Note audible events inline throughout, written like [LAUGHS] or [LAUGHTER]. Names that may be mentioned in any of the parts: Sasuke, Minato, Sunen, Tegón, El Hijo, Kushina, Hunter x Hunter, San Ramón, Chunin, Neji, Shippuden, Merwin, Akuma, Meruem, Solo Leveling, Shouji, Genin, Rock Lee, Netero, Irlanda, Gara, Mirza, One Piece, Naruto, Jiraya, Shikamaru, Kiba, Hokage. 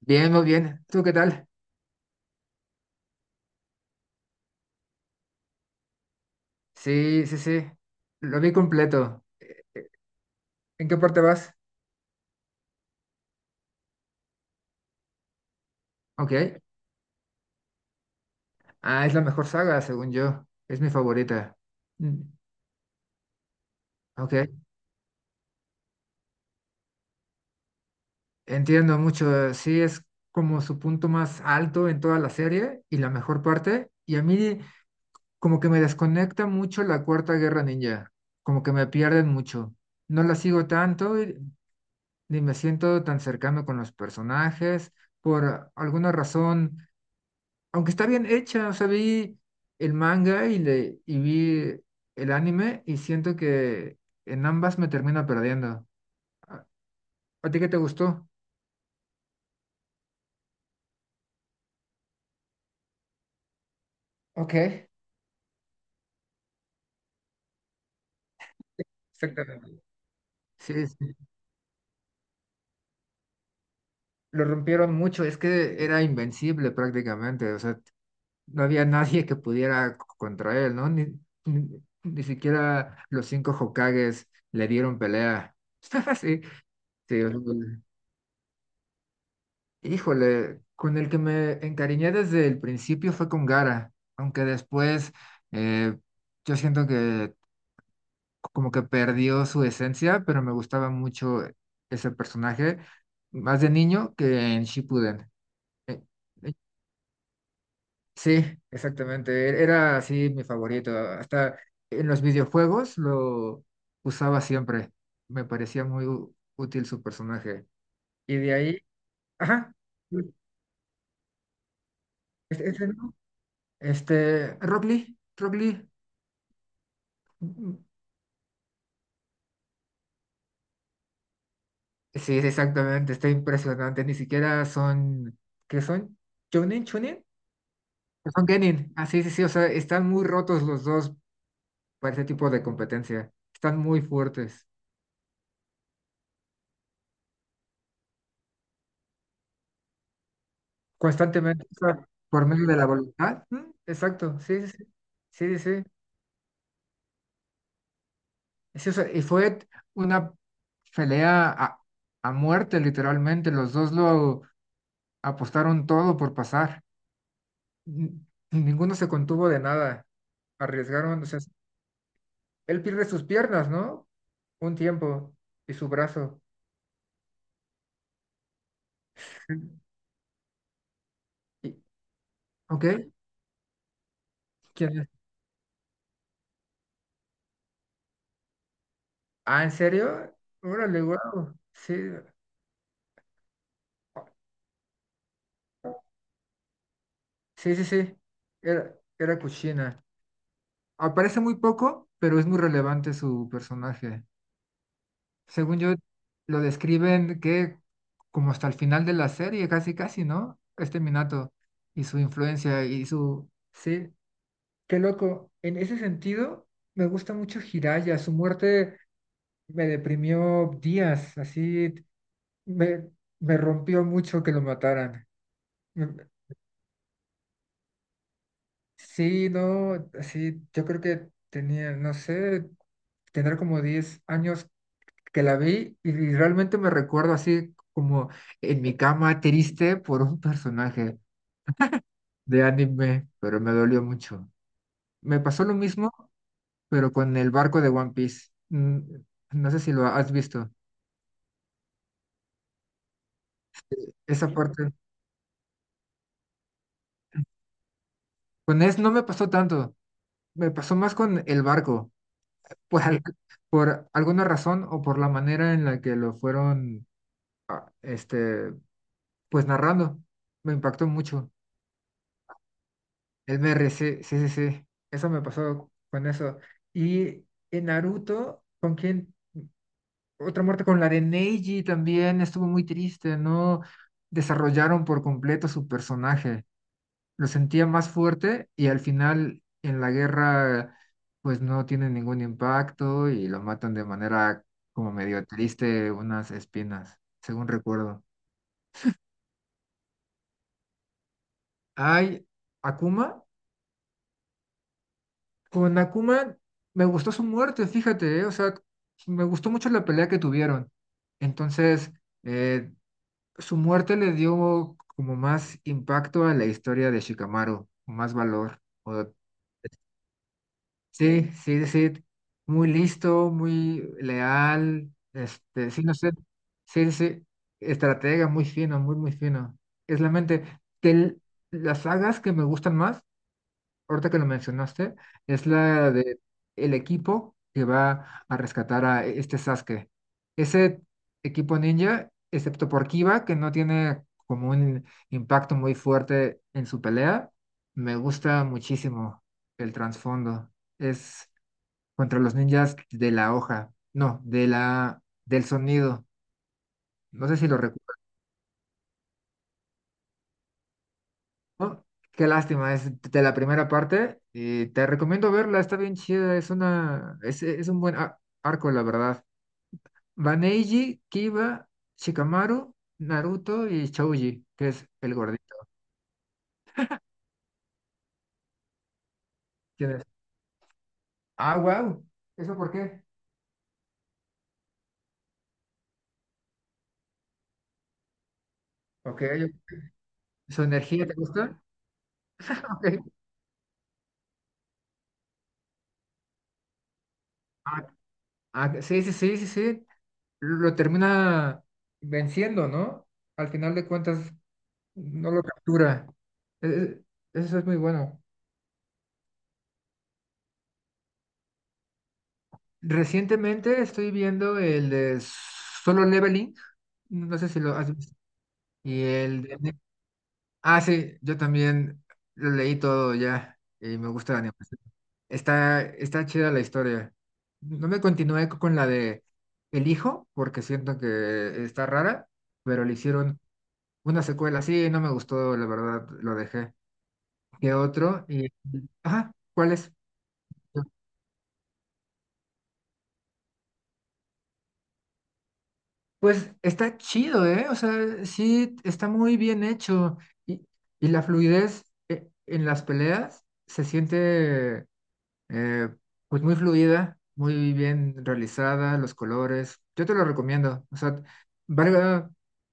Bien, muy bien. ¿Tú qué tal? Sí, sí, sí. Lo vi completo. ¿En qué parte vas? Ok. Ah, es la mejor saga, según yo. Es mi favorita. Mm. Ok. Entiendo mucho. Sí, es como su punto más alto en toda la serie y la mejor parte. Y a mí como que me desconecta mucho la Cuarta Guerra Ninja. Como que me pierden mucho. No la sigo tanto ni me siento tan cercano con los personajes. Por alguna razón aunque está bien hecha, o sea, vi el manga y vi el anime y siento que en ambas me termino perdiendo. ¿A, a ti qué te gustó? Ok, exactamente. Sí, sí. Lo rompieron mucho, es que era invencible prácticamente, o sea, no había nadie que pudiera contra él, ¿no? Ni siquiera los cinco Hokages le dieron pelea. [LAUGHS] Sí, sí, o sea, híjole, con el que me encariñé desde el principio fue con Gara, aunque después eh, yo siento que como que perdió su esencia, pero me gustaba mucho ese personaje, más de niño que en Shippuden. Eh, eh, sí, exactamente, era así mi favorito, hasta en los videojuegos lo usaba siempre, me parecía muy útil su personaje. Y de ahí, ajá, es- es- este, Rock Lee, Rock Lee. mm, Sí, sí, exactamente, está impresionante. Ni siquiera son, ¿qué son? ¿Chunin? ¿Chunin? Son Genin. Ah, sí, sí, sí, o sea, están muy rotos los dos para ese tipo de competencia. Están muy fuertes. Constantemente, o sea, por medio de la voluntad. Exacto, sí, sí, sí, sí, sí, sí, sí, o sea, y fue una pelea a muerte, literalmente. Los dos lo apostaron todo por pasar. N- Ninguno se contuvo de nada. Arriesgaron, o sea, él pierde sus piernas, ¿no? Un tiempo y su brazo. Y- ¿Ok? ¿Quién es? Ah, ¿en serio? Órale, wow. Sí, sí, sí, sí. Era Kushina. Aparece muy poco, pero es muy relevante su personaje. Según yo, lo describen que como hasta el final de la serie, casi, casi, ¿no? Este Minato y su influencia y su. Sí, qué loco. En ese sentido, me gusta mucho Jiraya. Su muerte me deprimió días, así me, me rompió mucho que lo mataran. Mm, Sí, no, sí, yo creo que tenía, no sé, tendrá como 10 años que la vi y realmente me recuerdo así como en mi cama triste por un personaje de anime, pero me dolió mucho. Me pasó lo mismo, pero con el barco de One Piece. No sé si lo has visto. Esa parte. Con es no me pasó tanto. Me pasó más con el barco. [LAUGHS] Por, al- por alguna razón o por la manera en la que lo fueron, este, pues narrando. Me impactó mucho. El BR, sí, sí, sí, sí. Eso me pasó con eso. Y en Naruto, ¿con quién? Otra muerte con la de Neji también estuvo muy triste, ¿no? Desarrollaron por completo su personaje. Lo sentía más fuerte y al final en la guerra pues no tiene ningún impacto y lo matan de manera como medio triste, unas espinas, según recuerdo. Hay Akuma, con Akuma me gustó su muerte, fíjate, o sea, me gustó mucho la pelea que tuvieron. Entonces, eh, su muerte le dio como más impacto a la historia de Shikamaru, más valor. O sí, sí, sí, muy listo, muy leal, este, sí, no sé, sí, sí, sí, estratega, muy fino, muy, muy fino. Es la mente. De las sagas que me gustan más, ahorita que lo mencionaste, es la de el equipo que va a rescatar a este Sasuke. Ese equipo ninja, excepto por Kiba, que no tiene como un impacto muy fuerte en su pelea, me gusta muchísimo el trasfondo. Es contra los ninjas de la hoja, no, de la, del sonido. No sé si lo recuerdo. ¿No? Qué lástima, es de la primera parte. Y te recomiendo verla, está bien chida, es una, es un buen arco, la verdad. Baneiji, Kiba, Shikamaru, Naruto y Shouji, que es el gordito. ¿Quién es? Ah, wow. ¿Eso por qué? Ok, ¿su energía te gusta? [LAUGHS] Ok. Ah, ah, sí, sí, sí, sí, sí. Lo termina venciendo, ¿no? Al final de cuentas, no lo captura. Eh, Eso es muy bueno. Recientemente estoy viendo el de Solo Leveling, no sé si lo has visto, y el de. Ah, sí, yo también lo leí todo ya y me gusta la animación. Está chida la historia. No me continué con la de El Hijo, porque siento que está rara, pero le hicieron una secuela así y no me gustó, la verdad, lo dejé. ¿Qué otro? Ajá, ¿cuál es? Pues está chido, ¿eh? O sea, sí, está muy bien hecho. Y, y la fluidez en las peleas se siente eh, pues muy fluida, muy bien realizada, los colores. Yo te lo recomiendo. O sea, valga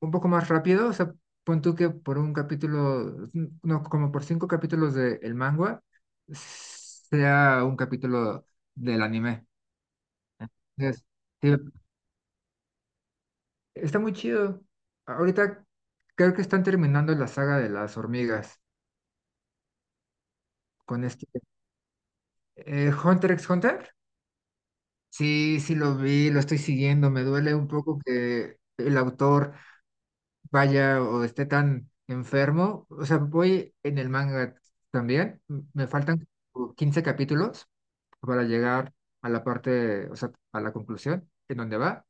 un poco más rápido. O sea, pon tú que por un capítulo, no, como por cinco capítulos de el manga, sea un capítulo del anime. Entonces, sí, está muy chido. Ahorita creo que están terminando la saga de las hormigas con este Hunter x Hunter. Sí, sí lo vi, lo estoy siguiendo. Me duele un poco que el autor vaya o esté tan enfermo. O sea, voy en el manga también. Me faltan como 15 capítulos para llegar a la parte, o sea, a la conclusión en donde va.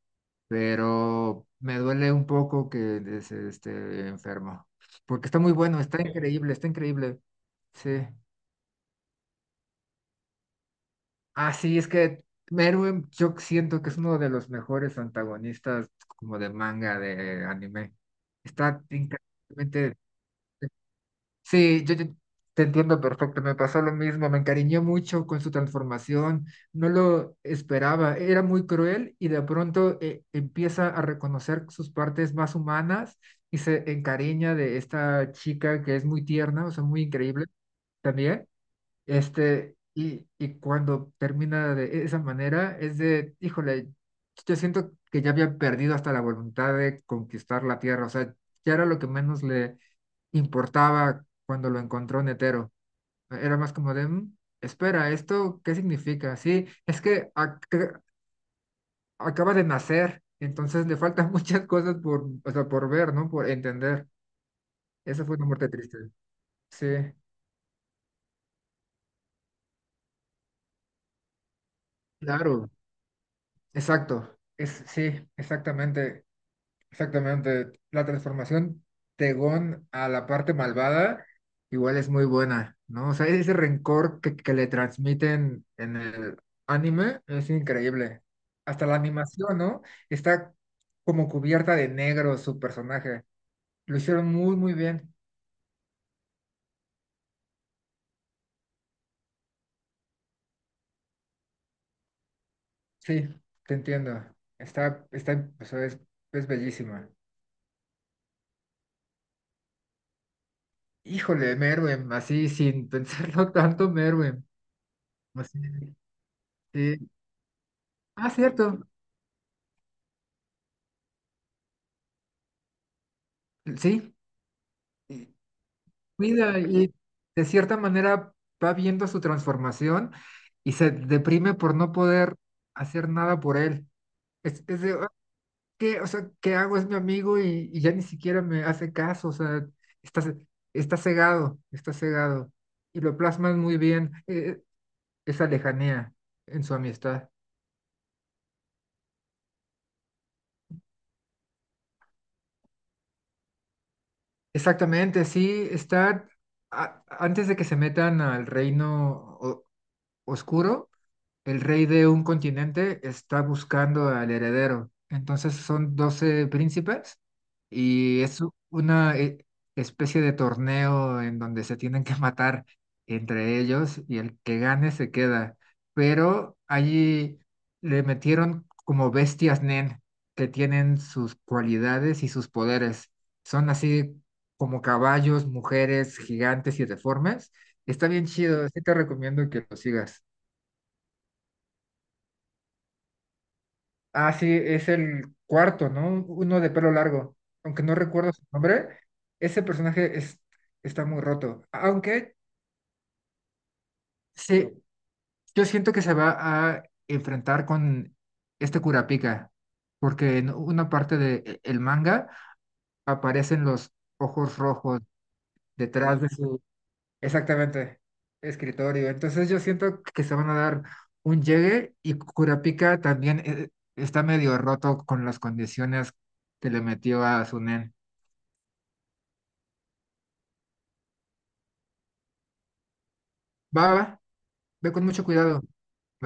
Pero me duele un poco que esté enfermo, porque está muy bueno, está increíble, está increíble. Sí. Ah, sí, es que Meruem yo siento que es uno de los mejores antagonistas como de manga, de anime. Está increíblemente. Sí, yo te entiendo perfecto, me pasó lo mismo, me encariñé mucho con su transformación, no lo esperaba, era muy cruel y de pronto empieza a reconocer sus partes más humanas y se encariña de esta chica que es muy tierna, o sea, muy increíble también, este, y cuando termina de esa manera es de, híjole, yo siento que ya había perdido hasta la voluntad de conquistar la tierra, o sea, ya era lo que menos le importaba cuando lo encontró Netero. Era más como de, "Mm, espera, ¿esto qué significa? Sí, es que acaba de nacer, entonces le faltan [LAUGHS] muchas cosas por, o sea, por ver, ¿no? Por entender. Esa fue una muerte triste. Sí, claro, exacto. Es, sí, exactamente. Exactamente. La transformación Tegón a la parte malvada igual es muy buena, ¿no? O sea, ese rencor que le transmiten en el anime es increíble. Hasta la animación, ¿no? Está como cubierta de negro su personaje. Lo hicieron muy, muy bien. Sí, te entiendo. Está, o sea, es bellísima. Híjole, Merwin, así sin [LAUGHS] pensarlo tanto, Merwin. Así, sí. Ah, cierto. Sí. Cuida y de cierta manera va viendo su transformación y se deprime por no poder hacer nada por él. Es de, "Ah, o sea, ¿qué hago? Es mi amigo y ya ni siquiera me hace caso, o sea, está, ce- está cegado, está cegado. Y lo plasman muy bien, esa lejanía en su amistad. Exactamente, sí, está antes de que se metan al reino o- oscuro. El rey de un continente está buscando al heredero. Entonces son 12 príncipes y es una especie de torneo en donde se tienen que [LAUGHS] matar entre ellos y el que gane se queda. Pero allí le metieron como bestias Nen que tienen sus cualidades y sus poderes. Son así como caballos, mujeres, gigantes y deformes. Está bien chido, sí te recomiendo que lo sigas. Ah, sí, es el cuarto, ¿no? Uno de pelo largo. Aunque no recuerdo su nombre, ese personaje está muy roto. Aunque sí, yo siento que se va a enfrentar con este Kurapika, porque en una parte del manga aparecen los ojos rojos detrás de sus, exactamente, escritorio. Entonces yo siento que se van a dar un llegue y Kurapika también está medio roto con las condiciones que le metió a Sunen. Nen. Va, va, ve con mucho cuidado.